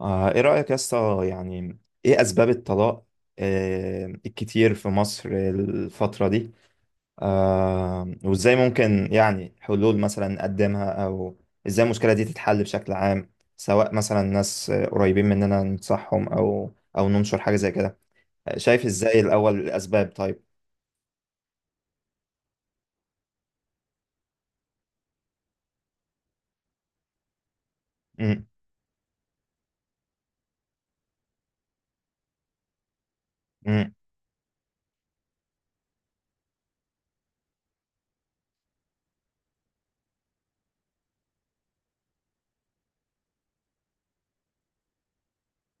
ايه رأيك يا اسطى، يعني ايه اسباب الطلاق؟ الكتير في مصر الفترة دي. وازاي ممكن يعني حلول مثلا نقدمها، او ازاي المشكلة دي تتحل بشكل عام؟ سواء مثلا ناس قريبين مننا ننصحهم، او ننشر حاجة زي كده. شايف ازاي الاول الاسباب؟ طيب. مم، مم،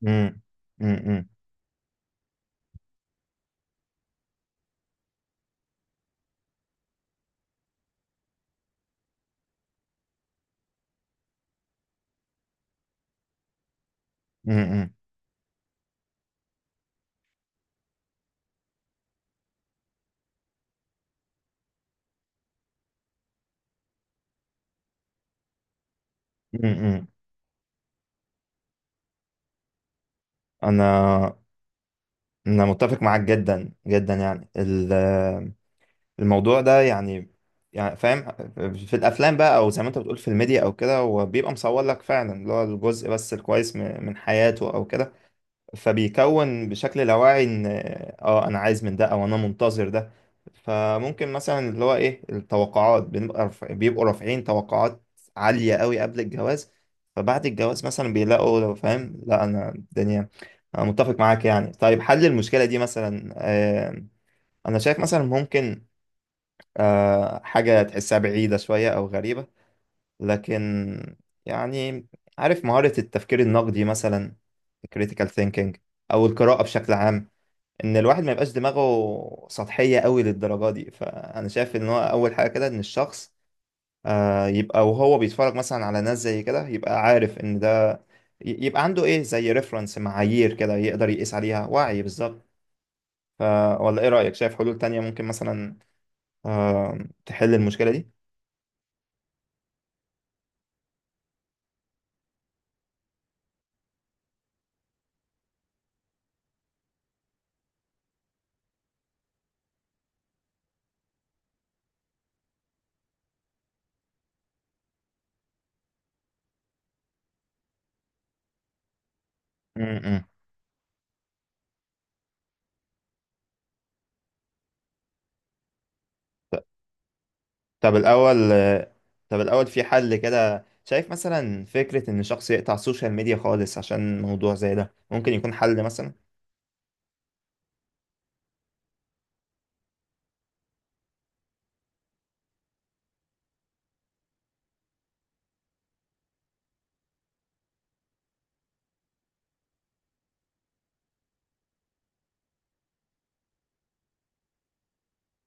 مم، مم، مم، مم، مم، مم. انا انا متفق معاك جدا جدا، يعني الموضوع ده، يعني فاهم. في الافلام بقى، او زي ما انت بتقول في الميديا او كده، هو بيبقى مصور لك فعلا اللي هو الجزء بس الكويس من حياته او كده. فبيكون بشكل لاواعي ان اه انا عايز من ده، او انا منتظر ده. فممكن مثلا اللي هو ايه التوقعات، بيبقوا رافعين توقعات عالية قوي قبل الجواز. فبعد الجواز مثلا بيلاقوا، لو فاهم، لا انا الدنيا. انا متفق معاك يعني. طيب حل المشكلة دي مثلا، انا شايف مثلا ممكن، حاجة تحسها بعيدة شوية أو غريبة، لكن يعني، عارف مهارة التفكير النقدي مثلا، critical thinking، أو القراءة بشكل عام، إن الواحد ما يبقاش دماغه سطحية قوي للدرجة دي. فأنا شايف إن هو أول حاجة كده إن الشخص يبقى وهو بيتفرج مثلا على ناس زي كده، يبقى عارف إن ده، يبقى عنده إيه زي ريفرنس، معايير كده يقدر يقيس عليها، وعي بالظبط. ف- ولا إيه رأيك؟ شايف حلول تانية ممكن مثلا آه، تحل المشكلة دي؟ طب الأول، في حل كده، شايف مثلا فكرة إن شخص يقطع السوشيال ميديا خالص عشان موضوع زي ده ممكن يكون حل مثلا؟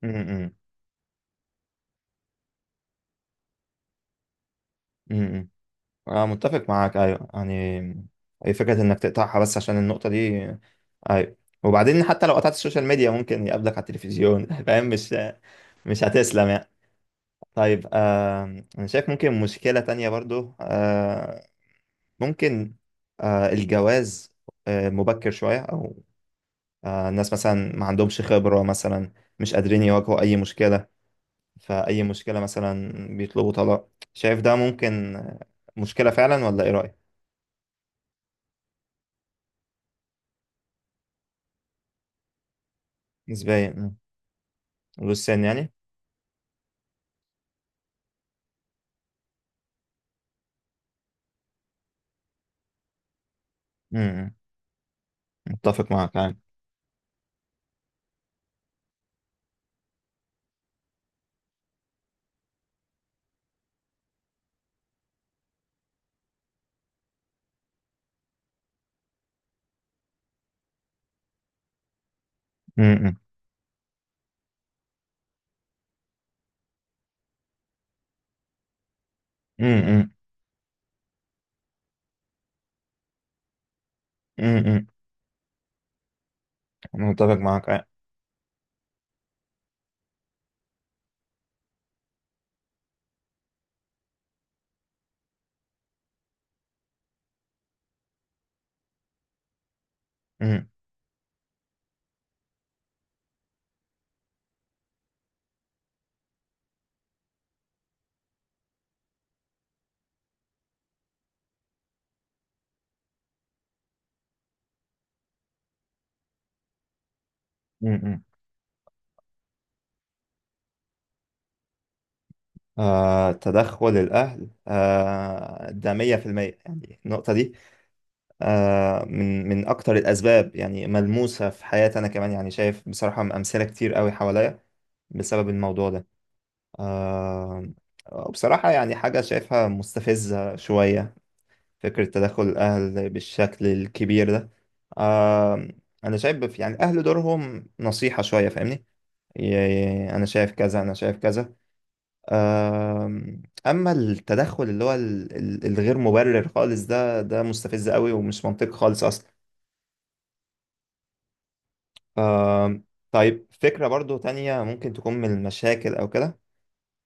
امم امم أنا متفق معاك، أيوه، يعني أي فكرة إنك تقطعها بس عشان النقطة دي. أيوه. وبعدين، حتى لو قطعت السوشيال ميديا، ممكن يقابلك على التلفزيون فاهم؟ مش هتسلم يعني. طيب أنا شايف ممكن مشكلة تانية برضو، ممكن الجواز مبكر شوية، أو الناس مثلا ما عندهمش خبرة مثلا، مش قادرين يواجهوا أي مشكلة. فأي مشكلة مثلا بيطلبوا طلاق. شايف ده ممكن مشكلة فعلا، ولا إيه رأيك؟ نسبيا. مم. والسن يعني؟ مم. متفق معاك يعني. مم. مم. مم. متفق معاك يعني. مم. مم. تدخل الأهل، ده مية في المية يعني النقطة دي. من أكتر الأسباب يعني، ملموسة في حياتي أنا كمان، يعني شايف بصراحة أمثلة كتير قوي حواليا بسبب الموضوع ده. آه بصراحة يعني، حاجة شايفها مستفزة شوية، فكرة تدخل الأهل بالشكل الكبير ده. آه أنا شايف يعني الأهل دورهم نصيحة شوية، فاهمني؟ أنا شايف كذا، أنا شايف كذا. آه أما التدخل اللي هو الغير مبرر خالص ده، مستفز قوي ومش منطقي خالص أصلا. آه طيب فكرة برضو تانية ممكن تكون من المشاكل أو كده،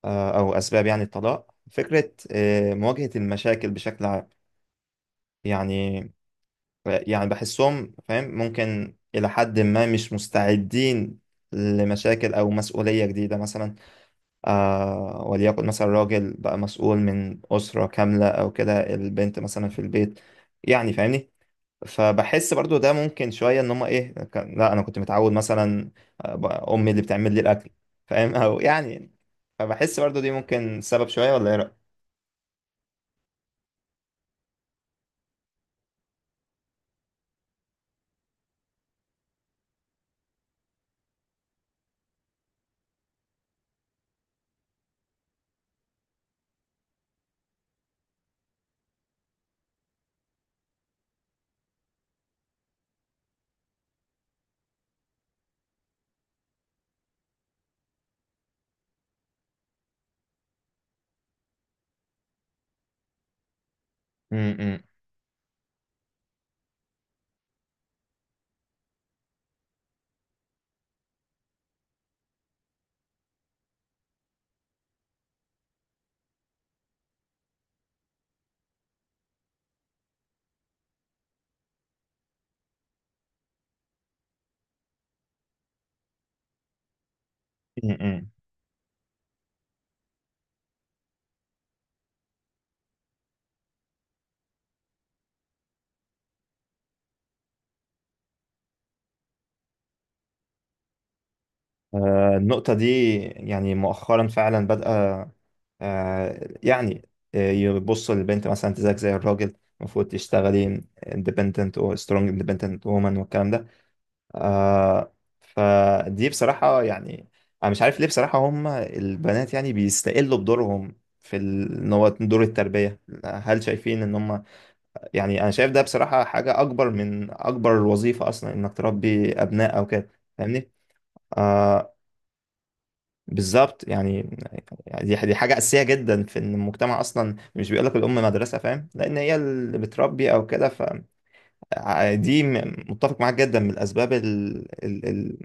أو أسباب يعني الطلاق، فكرة مواجهة المشاكل بشكل عام يعني. بحسهم فاهم ممكن إلى حد ما مش مستعدين لمشاكل أو مسؤولية جديدة مثلا. وليكن مثلا راجل بقى مسؤول من أسرة كاملة، أو كده البنت مثلا في البيت، يعني فاهمني. فبحس برضو ده ممكن شوية، إن هما إيه لا أنا كنت متعود مثلا، أمي اللي بتعمل لي الأكل، فاهم؟ أو يعني، فبحس برضو دي ممكن سبب شوية، ولا إيه رأيك؟ م- م- م- م. النقطة دي يعني مؤخرا فعلا بدأ، يعني يبصوا للبنت مثلا، انت زيك زي الراجل، المفروض تشتغلي independent و strong independent woman والكلام ده. آه، فدي بصراحة يعني، أنا مش عارف ليه بصراحة، هم البنات يعني بيستقلوا بدورهم في ان هو دور التربية. هل شايفين ان هم، يعني انا شايف ده بصراحة حاجة اكبر من اكبر وظيفة اصلا، انك تربي ابناء او كده، فاهمني؟ آه، بالظبط يعني، دي حاجة أساسية جدا، في إن المجتمع أصلا مش بيقولك الأم مدرسة، فاهم؟ لأن هي اللي بتربي أو كده. فدي متفق معاك جدا من الأسباب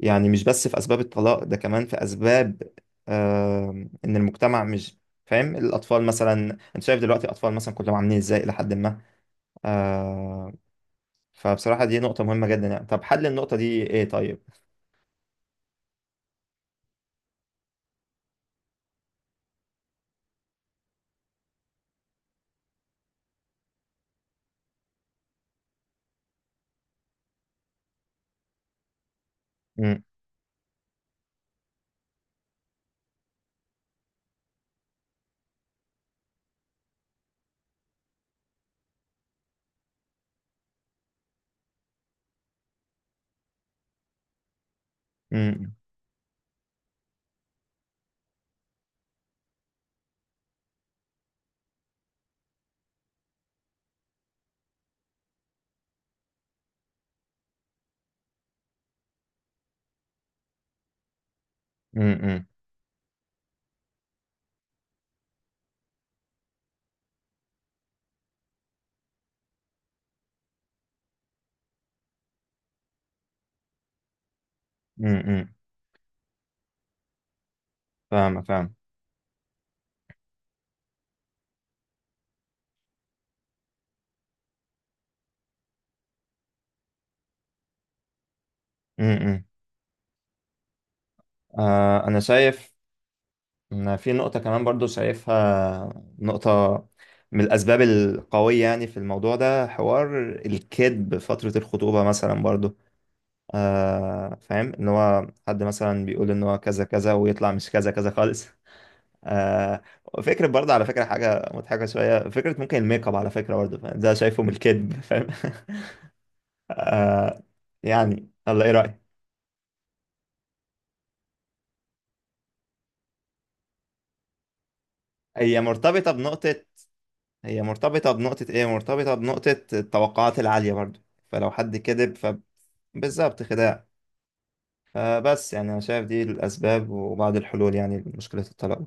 يعني مش بس في أسباب الطلاق ده، كمان في أسباب، إن المجتمع مش فاهم الأطفال مثلا. أنت شايف دلوقتي الأطفال مثلا كلهم عاملين إزاي إلى حد ما. آه، فبصراحة دي نقطة مهمة جدا يعني. طب حل النقطة دي إيه طيب؟ م- م- م- م- م- م- فاهمة فاهمة. م- م. أنا شايف إن في نقطة كمان برضو، شايفها نقطة من الأسباب القوية يعني في الموضوع ده، حوار الكذب فترة الخطوبة مثلا برضو. فاهم إن هو حد مثلا بيقول إن هو كذا كذا، ويطلع مش كذا كذا خالص. آه، فكرة برضه، على فكرة حاجة مضحكة شوية، فكرة ممكن الميك اب، على فكرة برضه فاهم؟ ده شايفه من الكذب، فاهم؟ يعني الله، إيه رأيك؟ هي مرتبطة بنقطة هي مرتبطة بنقطة ايه، مرتبطة بنقطة التوقعات العالية برضو. فلو حد كذب بالظبط، خداع. فبس يعني انا شايف دي الاسباب وبعض الحلول يعني لمشكلة الطلاق.